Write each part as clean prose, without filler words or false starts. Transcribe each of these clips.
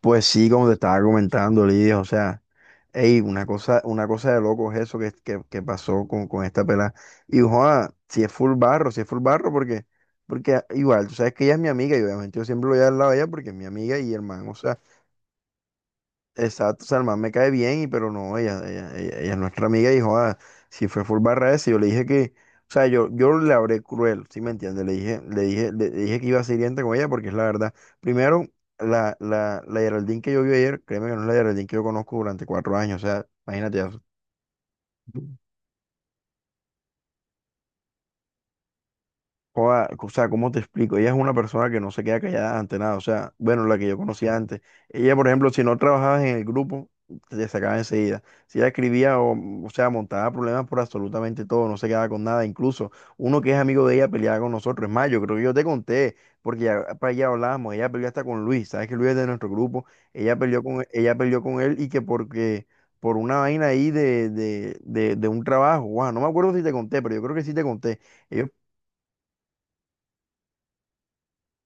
Pues sí, como te estaba comentando, Lidia, o sea, ey, una cosa de loco es eso que pasó con esta pelada. Y joda, si es full barro, si es full barro, porque, porque igual, tú sabes que ella es mi amiga y obviamente yo siempre lo voy a dar al lado de ella porque es mi amiga y hermano. Exacto, o sea, el man me cae bien, pero no, ella es nuestra amiga y dijo, ah, si fue full barra ese, yo le dije que, o sea, yo le hablé cruel, ¿sí me entiendes? Le dije que iba a ser hiriente con ella porque es la verdad. Primero, la Geraldine que yo vi ayer, créeme que no es la Geraldine que yo conozco durante 4 años, o sea, imagínate eso. Joda, o sea, ¿cómo te explico? Ella es una persona que no se queda callada ante nada. O sea, bueno, la que yo conocía antes. Ella, por ejemplo, si no trabajabas en el grupo, te sacaba enseguida. Si ella escribía, o sea, montaba problemas por absolutamente todo, no se quedaba con nada. Incluso uno que es amigo de ella peleaba con nosotros. Es más, yo creo que yo te conté, porque ya para allá hablábamos. Ella peleó hasta con Luis. ¿Sabes que Luis es de nuestro grupo? Ella peleó con él y que porque... por una vaina ahí de un trabajo, guau, no me acuerdo si te conté, pero yo creo que sí te conté. Ellos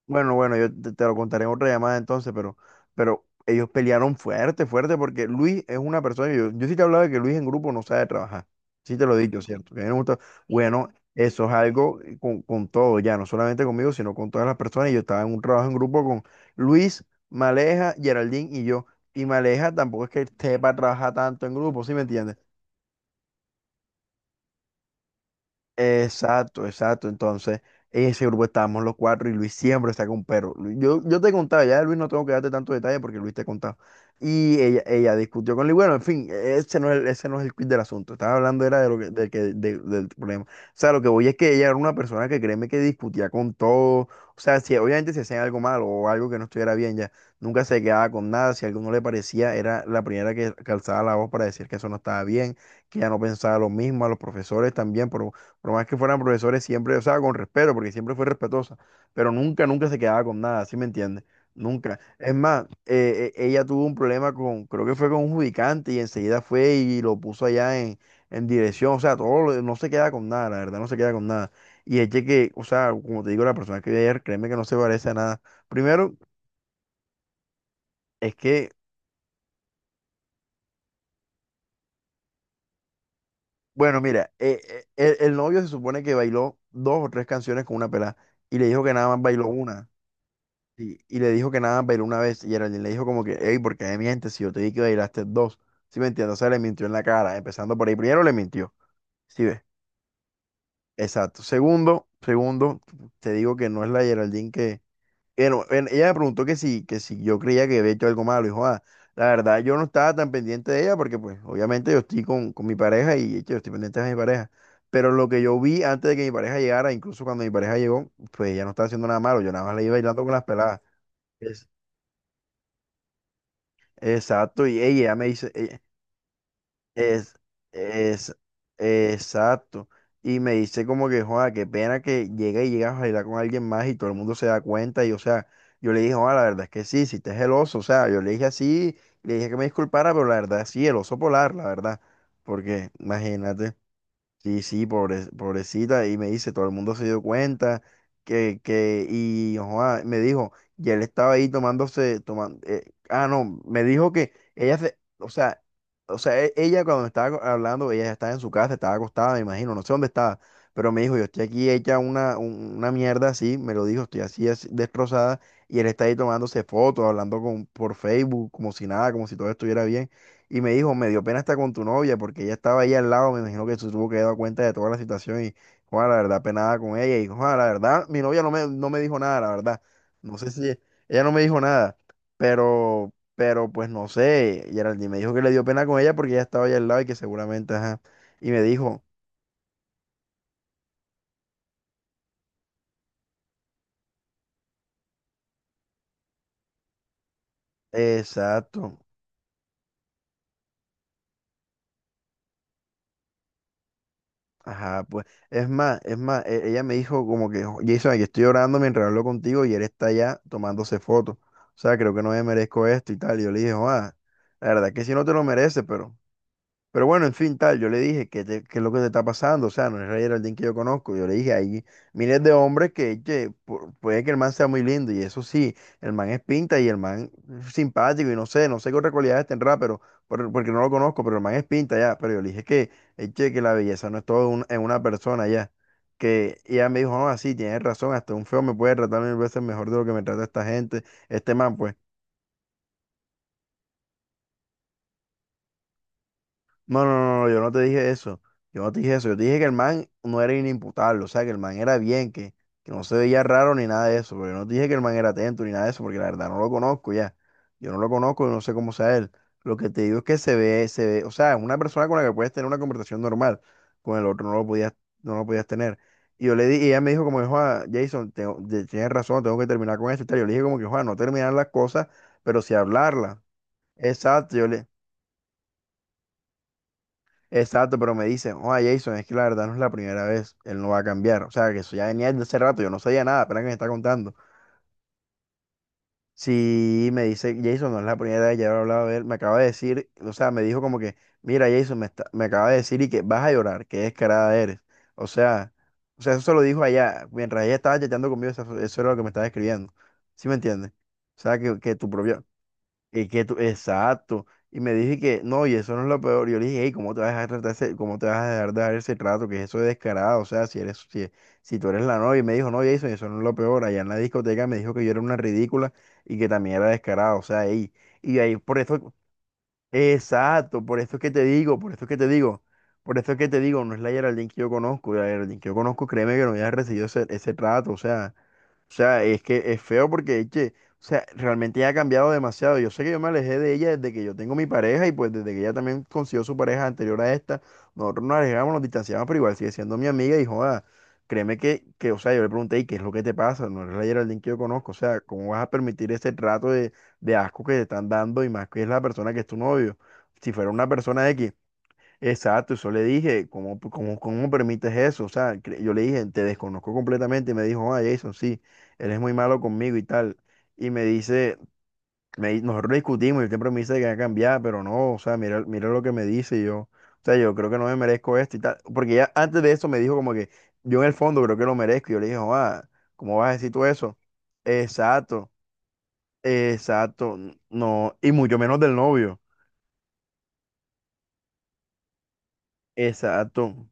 Bueno, bueno, yo te lo contaré en otra llamada entonces, pero ellos pelearon fuerte, fuerte, porque Luis es una persona, yo sí te hablaba de que Luis en grupo no sabe trabajar, sí te lo he dicho, ¿cierto? Que a mí no me gusta- Bueno, eso es algo con todo, ya, no solamente conmigo, sino con todas las personas, y yo estaba en un trabajo en grupo con Luis, Maleja, Geraldine y yo, y Maleja tampoco es que esté para trabajar tanto en grupo, ¿sí me entiendes? Exacto, exacto. Entonces, en ese grupo estábamos los cuatro y Luis siempre está con perro. Yo te contaba, ya de Luis no tengo que darte tanto detalle porque Luis te contaba. Y ella discutió con Luis. Bueno, en fin, ese no es el quid del asunto. Estaba hablando era de lo que, del problema. O sea, lo que voy es que ella era una persona que créeme que discutía con todo. O sea, si obviamente si hacían algo malo o algo que no estuviera bien ya, nunca se quedaba con nada. Si algo no le parecía, era la primera que calzaba la voz para decir que eso no estaba bien, que ella no pensaba lo mismo, a los profesores también, pero por más que fueran profesores, siempre, o sea, con respeto, porque siempre fue respetuosa, pero nunca, nunca se quedaba con nada, ¿sí me entiendes? Nunca. Es más, ella tuvo un problema con, creo que fue con un judicante y enseguida fue y lo puso allá en dirección, o sea, todo, no se queda con nada, la verdad, no se queda con nada. Y es o sea, como te digo, la persona que vi ayer, créeme que no se parece a nada. Primero, es que, bueno, mira, el novio se supone que bailó 2 o 3 canciones con una pelada y le dijo que nada más bailó una. Y le dijo que nada más bailó una vez. Y Geraldine le dijo como que, hey, ¿por qué mi gente? Si yo te dije que bailaste dos. ¿Sí me entiendes? O sea, le mintió en la cara. Empezando por ahí. Primero le mintió. ¿Sí ves? Exacto. Segundo, segundo, te digo que no es la Geraldine que... Bueno, ella me preguntó que si yo creía que había hecho algo malo. Y dijo, ah, la verdad yo no estaba tan pendiente de ella porque pues obviamente yo estoy con mi pareja y yo estoy pendiente de mi pareja. Pero lo que yo vi antes de que mi pareja llegara, incluso cuando mi pareja llegó, pues ella no estaba haciendo nada malo. Yo nada más le iba bailando con las peladas. Exacto, y ella me dice, es, es, exacto, y me dice como que, joda, qué pena que llega y llegas a bailar con alguien más y todo el mundo se da cuenta, y o sea, yo le dije, joda, la verdad es que sí, si te es el oso, o sea, yo le dije así, le dije que me disculpara, pero la verdad sí, el oso polar, la verdad, porque imagínate. Sí, sí, pobrecita. Y me dice, todo el mundo se dio cuenta y joa, me dijo, y él estaba ahí tomando, ah, no, me dijo que o sea, ella cuando me estaba hablando, ella ya estaba en su casa, estaba acostada, me imagino, no sé dónde estaba, pero me dijo, yo estoy aquí hecha una mierda así, me lo dijo, estoy así, así destrozada, y él está ahí tomándose fotos, hablando por Facebook, como si nada, como si todo estuviera bien. Y me dijo, me dio pena estar con tu novia, porque ella estaba ahí al lado, me imagino que se tuvo que dar cuenta de toda la situación y, Juan, la verdad, penada con ella. Y, Juan, la verdad, mi novia no me dijo nada, la verdad. No sé si, ella no me dijo nada, pero, pues no sé, Geraldine me dijo que le dio pena con ella porque ella estaba ahí al lado y que seguramente, ajá. Y me dijo, exacto. Ajá, pues, es más, ella me dijo como que: Jason, aquí estoy orando mientras hablo contigo y él está allá tomándose fotos. O sea, creo que no me merezco esto y tal". Y yo le dije, ah, la verdad es que sí no te lo mereces, pero bueno, en fin, tal, yo le dije que, que es lo que te está pasando, o sea, no es Ray Geraldine que yo conozco. Yo le dije, hay miles de hombres que, che, puede que el man sea muy lindo, y eso sí, el man es pinta y el man es simpático, y no sé, no sé qué otras cualidades tendrá, pero, porque no lo conozco, pero el man es pinta ya, pero yo le dije que, che, que la belleza no es todo en una persona ya, que y ella me dijo, no, así, tienes razón, hasta un feo me puede tratar 1.000 veces mejor de lo que me trata esta gente, este man, pues. No, no, no, no, yo no te dije eso. Yo no te dije eso. Yo te dije que el man no era inimputable, o sea, que el man era bien, que no se veía raro ni nada de eso. Pero yo no te dije que el man era atento ni nada de eso, porque la verdad no lo conozco ya. Yo no lo conozco y no sé cómo sea él. Lo que te digo es que se ve, o sea, es una persona con la que puedes tener una conversación normal. Con el otro no lo podías tener. Y y ella me dijo como, Juan, Jason, tienes razón, tengo que terminar con esto y tal. Yo le dije como que, Juan, no terminar las cosas, pero sí hablarlas. Exacto, exacto, pero me dicen, oh, Jason, es que la verdad no es la primera vez, él no va a cambiar. O sea, que eso ya venía desde hace rato, yo no sabía nada, apenas que me está contando. Sí, me dice, Jason, no es la primera vez, ya he hablado de él, me acaba de decir, o sea, me dijo como que, mira, Jason, me acaba de decir y que vas a llorar, que descarada eres. O sea, eso se lo dijo allá, mientras ella estaba chateando conmigo, eso era lo que me estaba escribiendo. ¿Sí me entiendes? O sea, que tu propio, y que tú, exacto. Y me dije que, no, y eso no es lo peor. Yo le dije, hey, ¿cómo te vas a dejar dar ese trato? Que eso es descarado. O sea, si tú eres la novia. Y me dijo, no, Jason, eso no es lo peor. Allá en la discoteca me dijo que yo era una ridícula y que también era descarado. O sea, ey. Y ahí, exacto, por esto es que te digo, por esto es que te digo, por esto es que te digo, no es la Geraldine que yo conozco. La Geraldine que yo conozco, créeme que no había recibido ese trato. O sea. O sea, es que es feo o sea, realmente ella ha cambiado demasiado. Yo sé que yo me alejé de ella desde que yo tengo mi pareja, y pues desde que ella también consiguió su pareja anterior a esta, nosotros nos alejamos, nos distanciamos, pero igual sigue siendo mi amiga. Y joda, créeme o sea, yo le pregunté, ¿y qué es lo que te pasa? No eres la Geraldine que yo conozco. O sea, ¿cómo vas a permitir ese trato de asco que te están dando? Y más que es la persona que es tu novio. Si fuera una persona X. Exacto, eso le dije, cómo permites eso? O sea, yo le dije, te desconozco completamente. Y me dijo, ah, Jason, sí, él es muy malo conmigo y tal. Y me dice, nosotros discutimos y él siempre me dice que va a cambiar, pero no. O sea, mira lo que me dice. Y yo, o sea, yo creo que no me merezco esto y tal. Porque ya antes de eso me dijo como que yo en el fondo creo que lo merezco. Y yo le dije, ah, ¿cómo vas a decir tú eso? Exacto, exacto, no, y mucho menos del novio, exacto.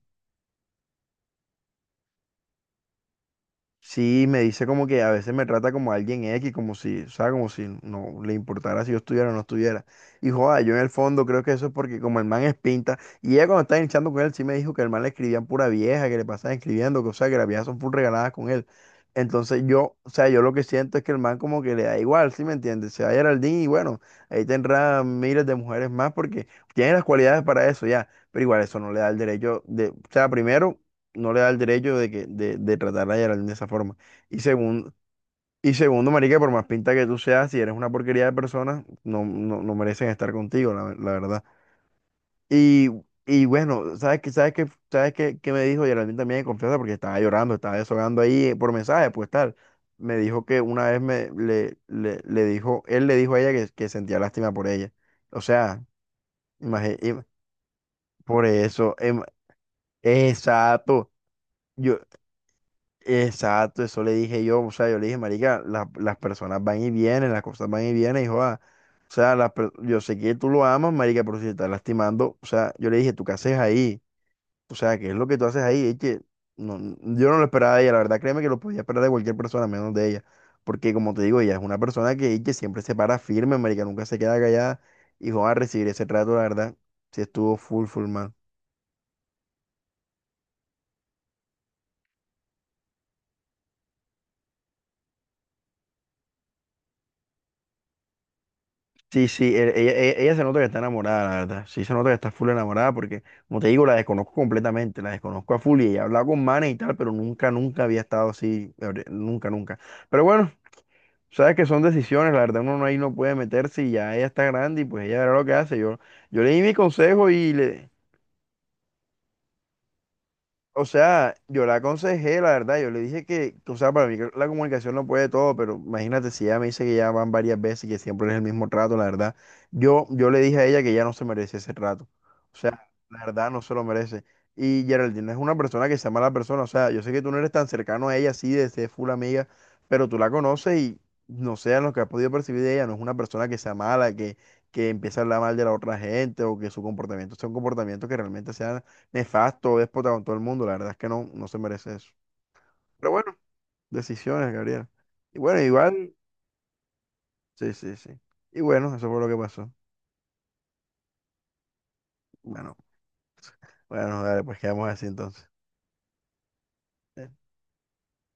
Sí, me dice como que a veces me trata como alguien X, como si, o sea, como si no le importara si yo estuviera o no estuviera. Y joda, yo en el fondo creo que eso es porque como el man es pinta, y ella cuando estaba hinchando con él sí me dijo que el man le escribían pura vieja, que le pasaban escribiendo, que o sea, que las viejas son full regaladas con él. Entonces yo, o sea, yo lo que siento es que el man como que le da igual, ¿sí me entiendes? Se va a Geraldine y bueno, ahí tendrá miles de mujeres más, porque tiene las cualidades para eso ya, pero igual eso no le da el derecho de, o sea, primero no le da el derecho de tratar a Geraldine de esa forma. Y segundo, y segundo, marica, por más pinta que tú seas, si eres una porquería de persona, no, no, no merecen estar contigo, la verdad. Y, y bueno, sabes qué, qué me dijo Geraldine también de confianza? Porque estaba llorando, estaba deshogando ahí por mensaje, pues tal. Me dijo que una vez le dijo, él le dijo a ella que sentía lástima por ella. O sea, imagínate, por eso, exacto. Yo, exacto, eso le dije yo. O sea, yo le dije, marica, las personas van y vienen, las cosas van y vienen, hijo joda, o sea, yo sé que tú lo amas, marica, pero si te estás lastimando, o sea, yo le dije, ¿tú qué haces ahí? O sea, ¿qué es lo que tú haces ahí? Es que no, yo no lo esperaba de ella, la verdad. Créeme que lo podía esperar de cualquier persona, menos de ella, porque como te digo, ella es una persona que, y que siempre se para firme, marica, nunca se queda callada. Y joda, recibir ese trato, la verdad, sí estuvo full, full mal. Sí, sí, ella, ella se nota que está enamorada, la verdad. Sí, se nota que está full enamorada porque, como te digo, la desconozco completamente, la desconozco a full. Y ella ha hablado con manes y tal, pero nunca, nunca había estado así, nunca, nunca. Pero bueno, sabes que son decisiones, la verdad, uno no- ahí no puede meterse, y ya ella está grande y pues ella verá lo que hace. Yo le di mi consejo o sea, yo la aconsejé, la verdad. Yo le dije o sea, para mí que la comunicación no puede todo, pero imagínate si ella me dice que ya van varias veces y que siempre es el mismo trato, la verdad. Yo le dije a ella que ya no se merece ese trato. O sea, la verdad no se lo merece. Y Geraldine es una persona que sea mala persona, o sea, yo sé que tú no eres tan cercano a ella así de ser full amiga, pero tú la conoces y no sé, en lo que has podido percibir de ella, no es una persona que sea mala, que empiece a hablar mal de la otra gente, o que su comportamiento sea un comportamiento que realmente sea nefasto, déspota con todo el mundo. La verdad es que no, no se merece eso. Pero bueno, decisiones, Gabriel. Y bueno, igual, sí, sí, sí. Y bueno, eso fue lo que pasó. Bueno, bueno, dale, pues quedamos así entonces.